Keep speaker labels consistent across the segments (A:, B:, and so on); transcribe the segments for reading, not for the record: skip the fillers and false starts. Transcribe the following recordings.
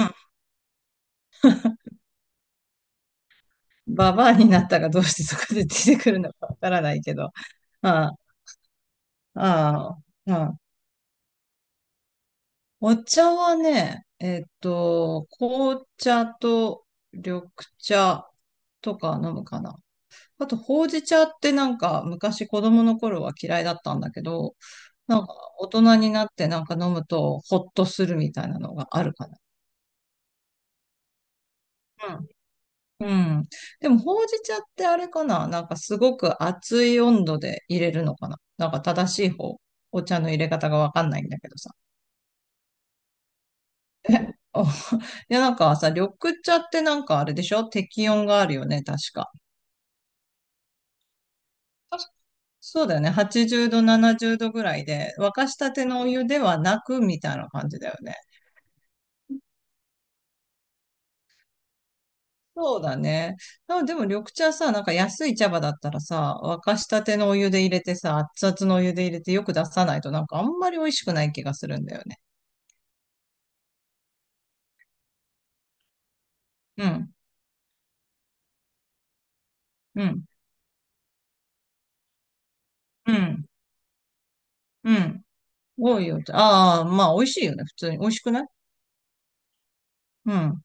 A: うんババアになったがどうしてそこで出てくるのかわからないけど。ああ、まあまあ、うん。お茶はね、紅茶と緑茶とか飲むかな。あと、ほうじ茶ってなんか昔子供の頃は嫌いだったんだけど、なんか大人になってなんか飲むとホッとするみたいなのがあるかな。うん。でも、ほうじ茶ってあれかな、なんかすごく熱い温度で入れるのかな、なんか正しい方、お茶の入れ方がわかんないんだけどさ。え、お いや、なんかさ、緑茶ってなんかあれでしょ、適温があるよね、確か。確かそうだよね。80度、70度ぐらいで、沸かしたてのお湯ではなく、みたいな感じだよね。そうだね。あ、でも緑茶さ、なんか安い茶葉だったらさ、沸かしたてのお湯で入れてさ、熱々のお湯で入れてよく出さないとなんかあんまり美味しくない気がするんだよね。うん、うん、うん、うん。多いよ。ああ、まあ美味しいよね。普通に。美味しくない。うん、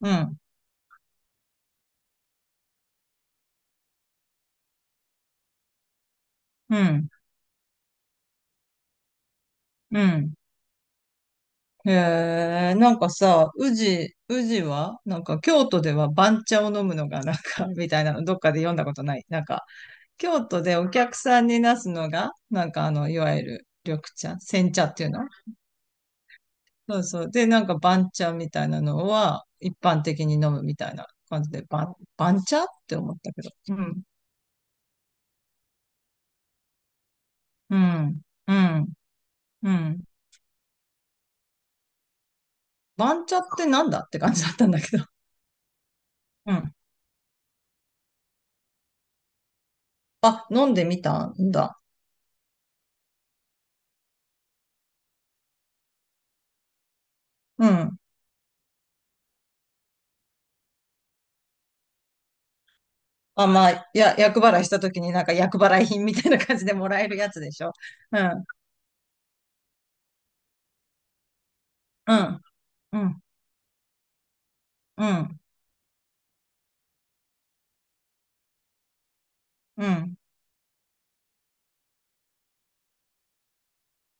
A: うん、うん、うん。へえ、なんかさ、宇治はなんか京都では番茶を飲むのがなんか、みたいなのどっかで読んだことない。なんか京都でお客さんになすのが、なんかあの、いわゆる緑茶、煎茶っていうの。そうそう。で、なんか番茶みたいなのは一般的に飲むみたいな感じで、番茶って思ったけど。うん。うん。うん。うん。番茶ってなんだって感じだったんだけど。うん。あ、飲んでみたんだ。うん。あ、まあ、や、厄払いした時になんか厄払い品みたいな感じでもらえるやつでしょ。うん。うん。うん。うん。うん。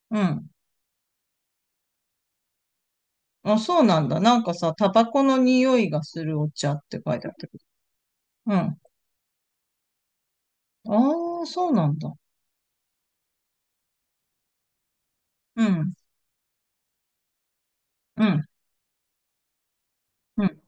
A: うん。あ、そうなんだ。なんかさ、タバコの匂いがするお茶って書いてあったけど。うん。ああ、そうなんだ。うん。うん。うん。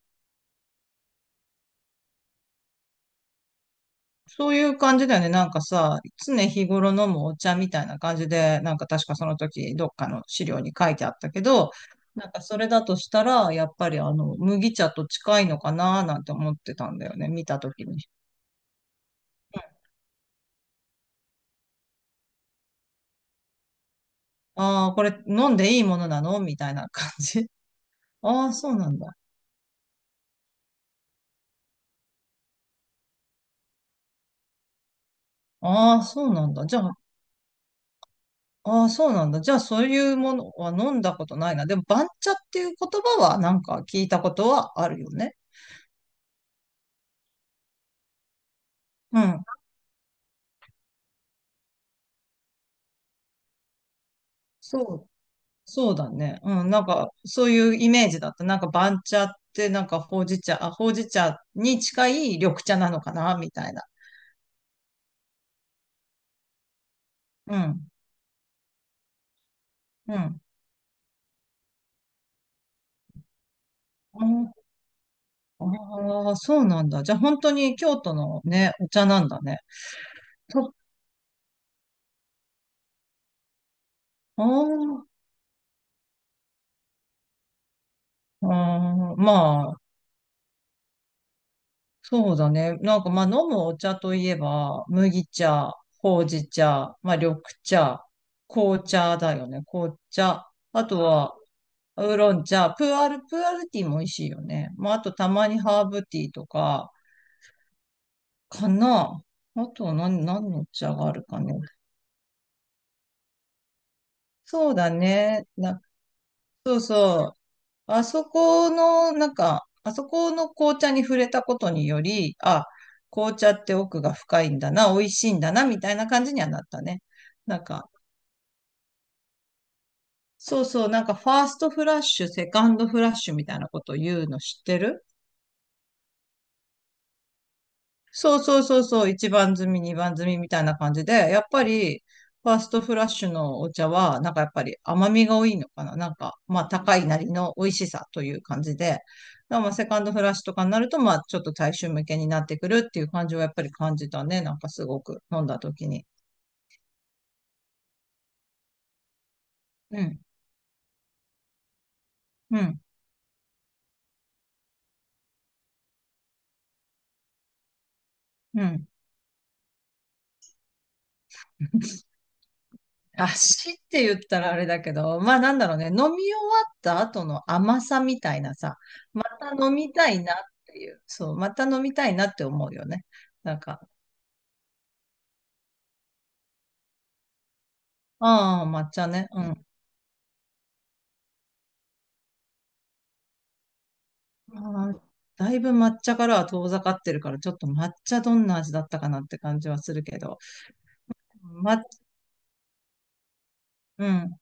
A: そういう感じだよね。なんかさ、常日頃飲むお茶みたいな感じで、なんか確かその時どっかの資料に書いてあったけど、なんかそれだとしたら、やっぱりあの、麦茶と近いのかな、なんて思ってたんだよね。見た時に。ああ、これ飲んでいいものなのみたいな感じ。ああ、そうなんだ。ああ、そうなんだ。じゃあ、ああ、そうなんだ。じゃあ、そういうものは飲んだことないな。でも、番茶っていう言葉はなんか聞いたことはあるよね。うん。そう。そうだね。うん。なんか、そういうイメージだった。なんか、番茶ってなんか、ほうじ茶、あ、ほうじ茶に近い緑茶なのかな、みたいな。うん。うん。ああー、そうなんだ。じゃあ、本当に京都のね、お茶なんだね。と、あーあー、ま、そうだね。なんかまあ飲むお茶といえば、麦茶、ほうじ茶、まあ緑茶、紅茶だよね。紅茶。あとは、ウーロン茶、プーアールティーも美味しいよね。まああとたまにハーブティーとか、かな。あとは何の茶があるかね。そうだね。そうそう。あそこの、なんか、あそこの紅茶に触れたことにより、あ、紅茶って奥が深いんだな、美味しいんだな、みたいな感じにはなったね。なんか、そうそう、なんかファーストフラッシュ、セカンドフラッシュみたいなことを言うの知ってる？そうそうそうそう、一番摘み、二番摘みみたいな感じで、やっぱり、ファーストフラッシュのお茶は、なんかやっぱり甘みが多いのかな。なんか、まあ高いなりの美味しさという感じで、だからまあセカンドフラッシュとかになると、まあちょっと大衆向けになってくるっていう感じはやっぱり感じたね。なんかすごく飲んだ時に。うん、うん、うん。足って言ったらあれだけど、まあなんだろうね、飲み終わった後の甘さみたいなさ、また飲みたいなっていう、そう、また飲みたいなって思うよね。なんか、ああ、抹茶ね、うん。あー、だいぶ抹茶からは遠ざかってるから、ちょっと抹茶どんな味だったかなって感じはするけど、ま、うん、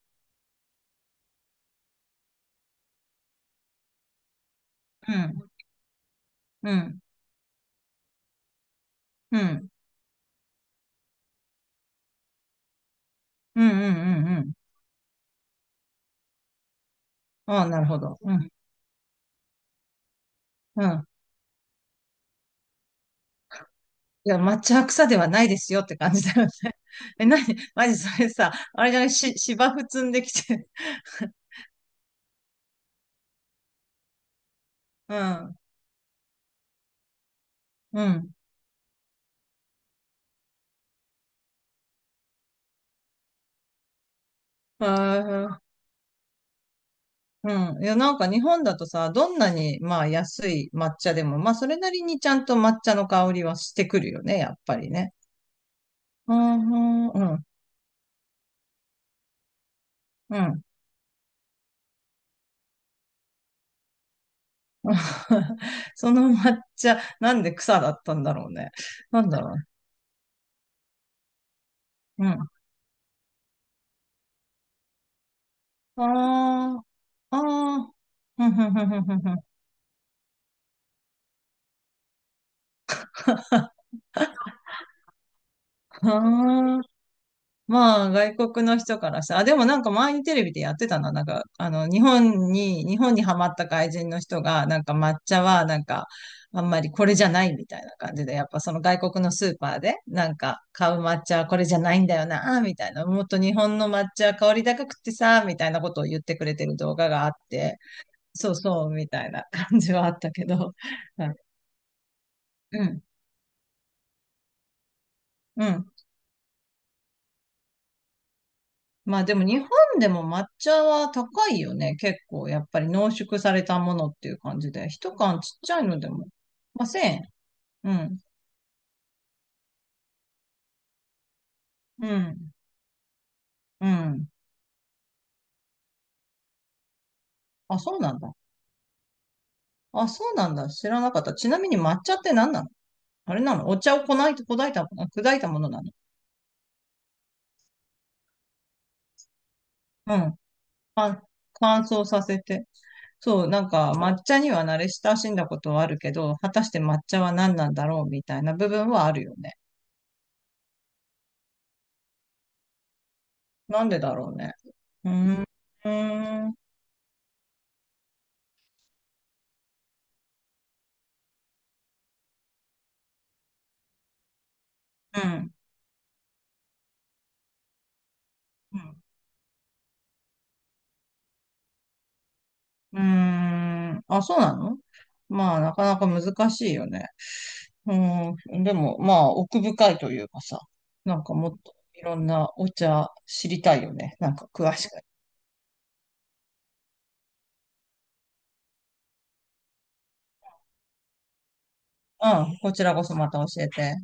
A: うん、うん、うん、うん、うん、うん、うん。ああ、なるほど。うん、うん。いや、抹茶は草ではないですよって感じだよね。え、なに、マジそれさ、あれじゃない、し、芝生積んできて。うん、うん。あー、うん。いや、なんか日本だとさ、どんなに、まあ、安い抹茶でも、まあ、それなりにちゃんと抹茶の香りはしてくるよね、やっぱりね。うん、うん、うん。うん。 その抹茶、なんで草だったんだろうね。なんだろうね。うん。ああ、ああ、ふんふんふんふんふんふん。ああ。まあ、外国の人からさ、あ、でもなんか前にテレビでやってたな。なんか、あの、日本にハマった外人の人が、なんか抹茶は、なんか、あんまりこれじゃないみたいな感じで、やっぱその外国のスーパーで、なんか、買う抹茶はこれじゃないんだよな、みたいな。もっと日本の抹茶は香り高くってさ、みたいなことを言ってくれてる動画があって、そうそう、みたいな感じはあったけど。うん、うん。うん。まあでも日本でも抹茶は高いよね。結構やっぱり濃縮されたものっていう感じで。一缶ちっちゃいのでも。まあ1000円。うん。うん。うん。あ、そうなんだ。あ、そうなんだ。知らなかった。ちなみに抹茶って何なの？あれなの？お茶をこない、砕いたものなの？うん。あ、乾燥させて。そう、なんか抹茶には慣れ親しんだことはあるけど、果たして抹茶は何なんだろうみたいな部分はあるよね。なんでだろうね。うーん。うーん。うんうん。うーん。あ、そうなの？まあ、なかなか難しいよね。うん。でも、まあ、奥深いというかさ、なんかもっといろんなお茶知りたいよね。なんか詳しく。うん。こちらこそまた教えて。